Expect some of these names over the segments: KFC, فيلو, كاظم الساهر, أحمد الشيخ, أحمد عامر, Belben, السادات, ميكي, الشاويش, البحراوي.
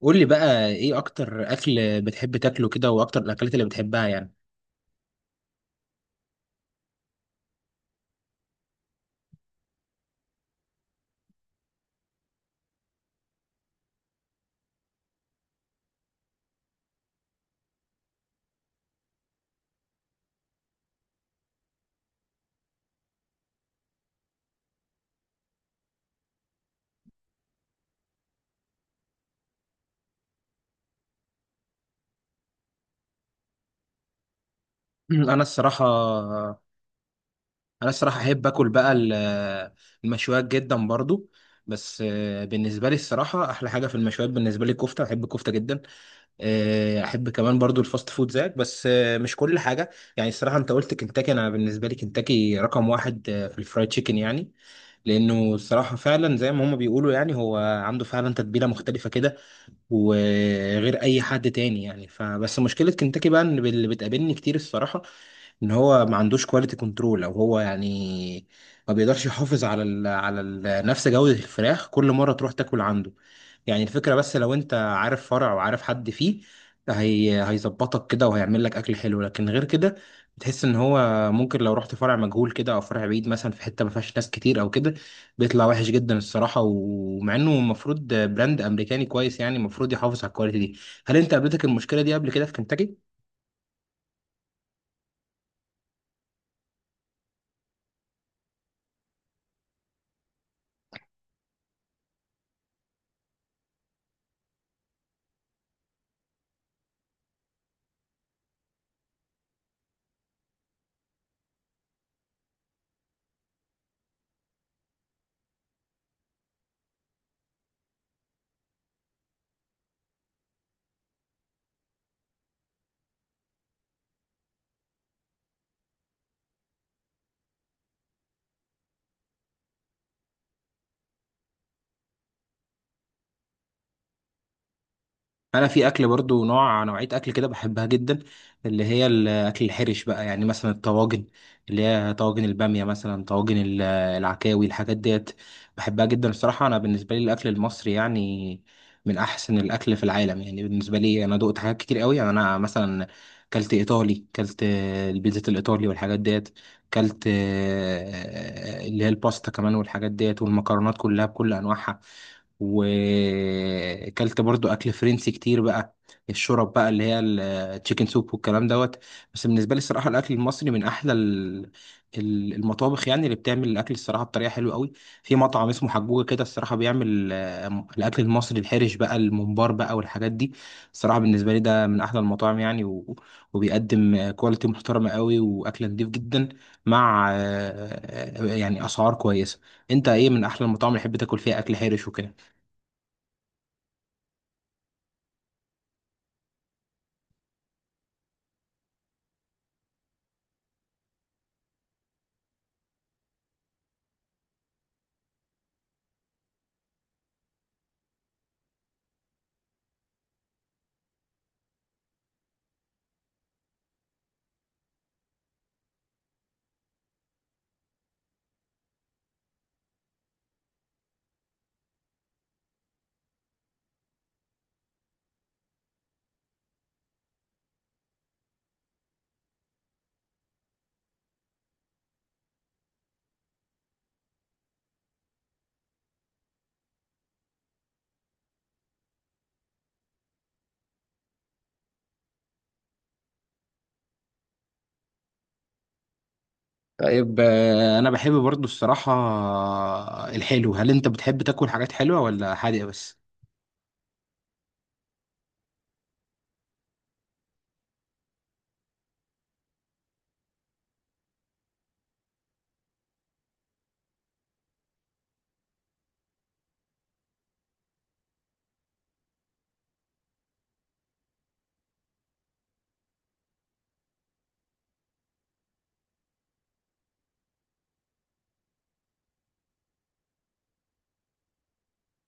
قول لي بقى ايه اكتر اكل بتحب تاكله كده واكتر الاكلات اللي بتحبها يعني؟ انا الصراحه انا الصراحه احب اكل بقى المشويات جدا برضو. بس بالنسبه لي الصراحه احلى حاجه في المشويات، بالنسبه لي الكفته، بحب الكفته جدا. احب كمان برضو الفاست فود زيك، بس مش كل حاجه. يعني الصراحه، انت قلت كنتاكي، انا بالنسبه لي كنتاكي رقم واحد في الفرايد تشيكن يعني. لانه الصراحه فعلا زي ما هما بيقولوا، يعني هو عنده فعلا تتبيله مختلفه كده وغير اي حد تاني يعني. فبس مشكله كنتاكي بقى ان اللي بتقابلني كتير الصراحه ان هو ما عندوش كواليتي كنترول، او هو يعني ما بيقدرش يحافظ على ال نفس جودة الفراخ كل مرة تروح تاكل عنده. يعني الفكرة بس لو انت عارف فرع وعارف حد فيه، هي هيظبطك كده وهيعمل لك اكل حلو، لكن غير كده بتحس ان هو ممكن لو رحت فرع مجهول كده او فرع بعيد مثلا في حتة ما فيهاش ناس كتير او كده، بيطلع وحش جدا الصراحة. ومع انه المفروض براند امريكاني كويس، يعني المفروض يحافظ على الكواليتي دي. هل انت قابلتك المشكلة دي قبل كده في كنتاكي؟ انا في اكل برضو نوع نوعيه اكل كده بحبها جدا، اللي هي الاكل الحرش بقى. يعني مثلا الطواجن، اللي هي طواجن الباميه، مثلا طواجن العكاوي، الحاجات ديت بحبها جدا الصراحه. انا بالنسبه لي الاكل المصري يعني من احسن الاكل في العالم. يعني بالنسبه لي انا دقت حاجات كتير قوي. يعني انا مثلا كلت ايطالي، كلت البيتزا الايطالي والحاجات ديت. كلت اللي هي الباستا كمان والحاجات ديت والمكرونات كلها بكل انواعها. وكلت برضو اكل فرنسي كتير بقى، الشرب بقى اللي هي التشيكن سوب والكلام دوت. بس بالنسبه لي الصراحه الاكل المصري من احلى المطابخ يعني، اللي بتعمل الاكل الصراحه بطريقه حلوه قوي. في مطعم اسمه حجوجه كده الصراحه بيعمل الاكل المصري الحرش بقى، الممبار بقى والحاجات دي. الصراحه بالنسبه لي ده من احلى المطاعم يعني، وبيقدم كواليتي محترمه قوي واكل نضيف جدا، مع يعني اسعار كويسه. انت ايه من احلى المطاعم اللي تحب تاكل فيها اكل حرش وكده؟ طيب انا بحب برضو الصراحة الحلو. هل انت بتحب تاكل حاجات حلوة ولا حادقة بس؟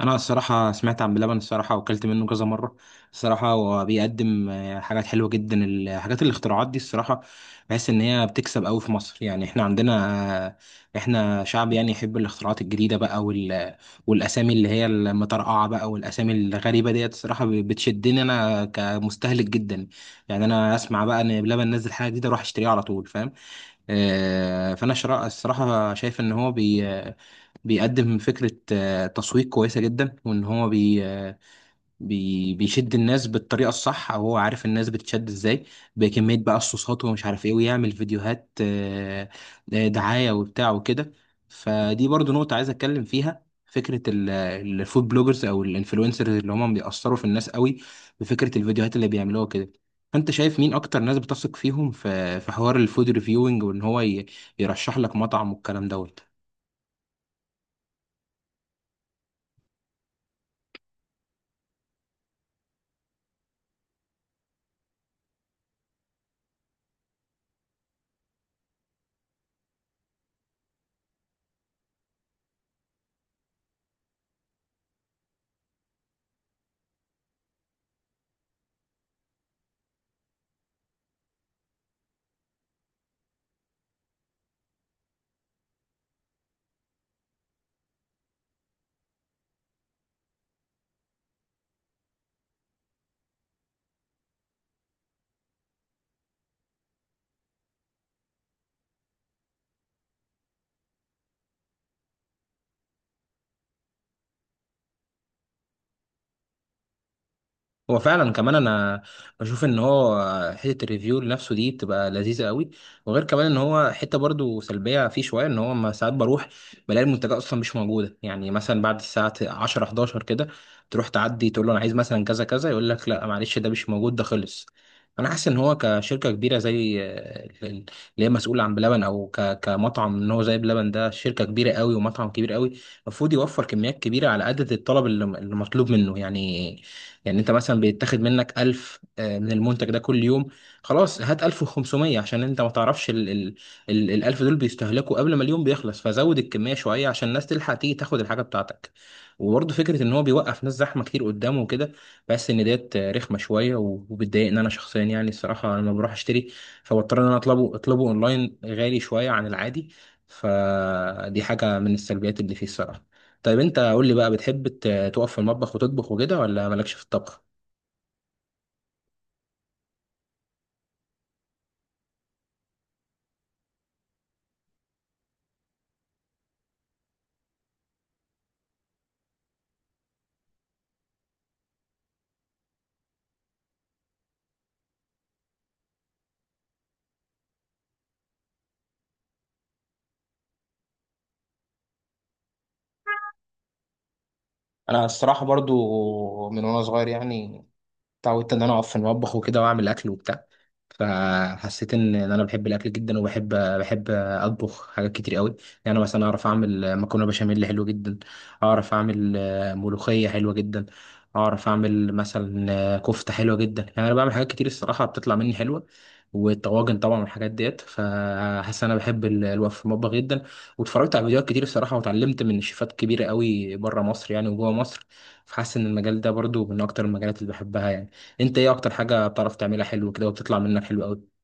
انا الصراحة سمعت عن بلبن الصراحة وكلت منه كذا مرة. الصراحة هو بيقدم حاجات حلوة جدا، الحاجات الاختراعات دي الصراحة. بحس ان هي بتكسب قوي في مصر. يعني احنا عندنا آه، احنا شعب يعني يحب الاختراعات الجديدة بقى والاسامي اللي هي المطرقعة بقى والاسامي الغريبة ديت الصراحة بتشدني انا كمستهلك جدا. يعني انا اسمع بقى ان بلبن نزل حاجة جديدة اروح اشتريها على طول، فاهم؟ فانا الصراحه شايف ان هو بيقدم فكره تسويق كويسه جدا، وان هو بي آه، بي بيشد الناس بالطريقه الصح، او هو عارف الناس بتشد ازاي بكميه بقى الصوصات ومش عارف ايه، ويعمل فيديوهات دعايه وبتاع وكده. فدي برضو نقطه عايز اتكلم فيها، فكره الفود بلوجرز او الانفلونسرز اللي هم بيأثروا في الناس قوي بفكره الفيديوهات اللي بيعملوها كده. فانت شايف مين اكتر ناس بتثق فيهم في حوار الفود ريفيوينج، وان هو يرشح لك مطعم والكلام دوت؟ هو فعلا كمان انا بشوف ان هو حته الريفيو لنفسه دي بتبقى لذيذه قوي. وغير كمان ان هو حته برضو سلبيه فيه شويه، ان هو ما ساعات بروح بلاقي المنتجات اصلا مش موجوده. يعني مثلا بعد الساعه 10 11 كده تروح تعدي تقول له انا عايز مثلا كذا كذا، يقول لك لا معلش، ده مش موجود، ده خلص. انا حاسس ان هو كشركه كبيره زي اللي هي مسؤوله عن بلبن، او كمطعم ان هو زي بلبن، ده شركه كبيره قوي ومطعم كبير قوي، المفروض يوفر كميات كبيره على عدد الطلب اللي مطلوب منه يعني. يعني انت مثلا بيتاخد منك 1000 من المنتج ده كل يوم، خلاص هات 1500 عشان انت ما تعرفش ال 1000 دول بيستهلكوا قبل ما اليوم بيخلص. فزود الكمية شوية عشان الناس تلحق تيجي تاخد الحاجة بتاعتك. وبرضه فكرة ان هو بيوقف ناس زحمة كتير قدامه وكده، بس ان ديت رخمة شوية وبتضايقني انا شخصيا يعني. الصراحة انا لما بروح اشتري فبضطر ان انا اطلبه اونلاين، غالي شوية عن العادي. فدي حاجة من السلبيات اللي فيه الصراحة. طيب انت قول لي بقى، بتحب تقف في المطبخ وتطبخ وكده، ولا مالكش في الطبخ؟ انا الصراحه برضو من وانا صغير يعني اتعودت ان انا اقف في المطبخ وكده واعمل اكل وبتاع. فحسيت ان انا بحب الاكل جدا، وبحب اطبخ حاجات كتير قوي. يعني انا مثلا اعرف اعمل مكرونه بشاميل حلو جدا، اعرف اعمل ملوخيه حلوه جدا، اعرف اعمل مثلا كفته حلوه جدا. يعني انا بعمل حاجات كتير الصراحه بتطلع مني حلوه، والطواجن طبعا والحاجات ديت. فحاسس إن انا بحب الوقف في المطبخ جدا، واتفرجت على فيديوهات كتير الصراحه واتعلمت من شيفات كبيره قوي بره مصر يعني وجوه مصر. فحاسس ان المجال ده برضو من اكتر المجالات اللي بحبها يعني. انت ايه اكتر حاجه بتعرف تعملها حلو كده وبتطلع منك حلو قوي؟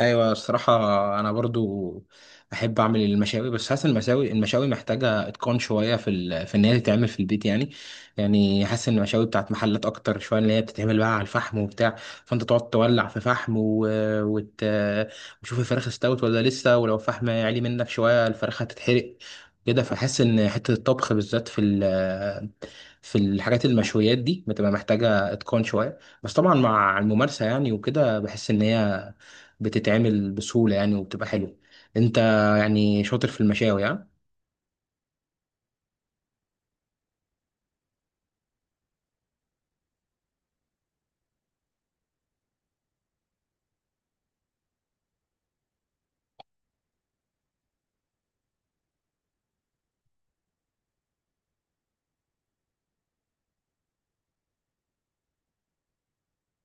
ايوه الصراحه، انا برضو احب اعمل المشاوي، بس حاسس المشاوي محتاجه اتقان شويه في في ان هي تتعمل في البيت يعني. يعني حاسس ان المشاوي بتاعت محلات اكتر شويه، اللي هي بتتعمل بقى على الفحم وبتاع، فانت تقعد تولع في فحم وت... وتشوف الفراخ استوت ولا لسه، ولو الفحم عالي منك شويه الفراخ هتتحرق كده. فحاسس ان حته الطبخ بالذات في في الحاجات المشويات دي بتبقى محتاجه اتقان شويه، بس طبعا مع الممارسه يعني، وكده بحس ان هي بتتعمل بسهولة يعني وبتبقى حلوة. انت يعني شاطر في المشاوي ها؟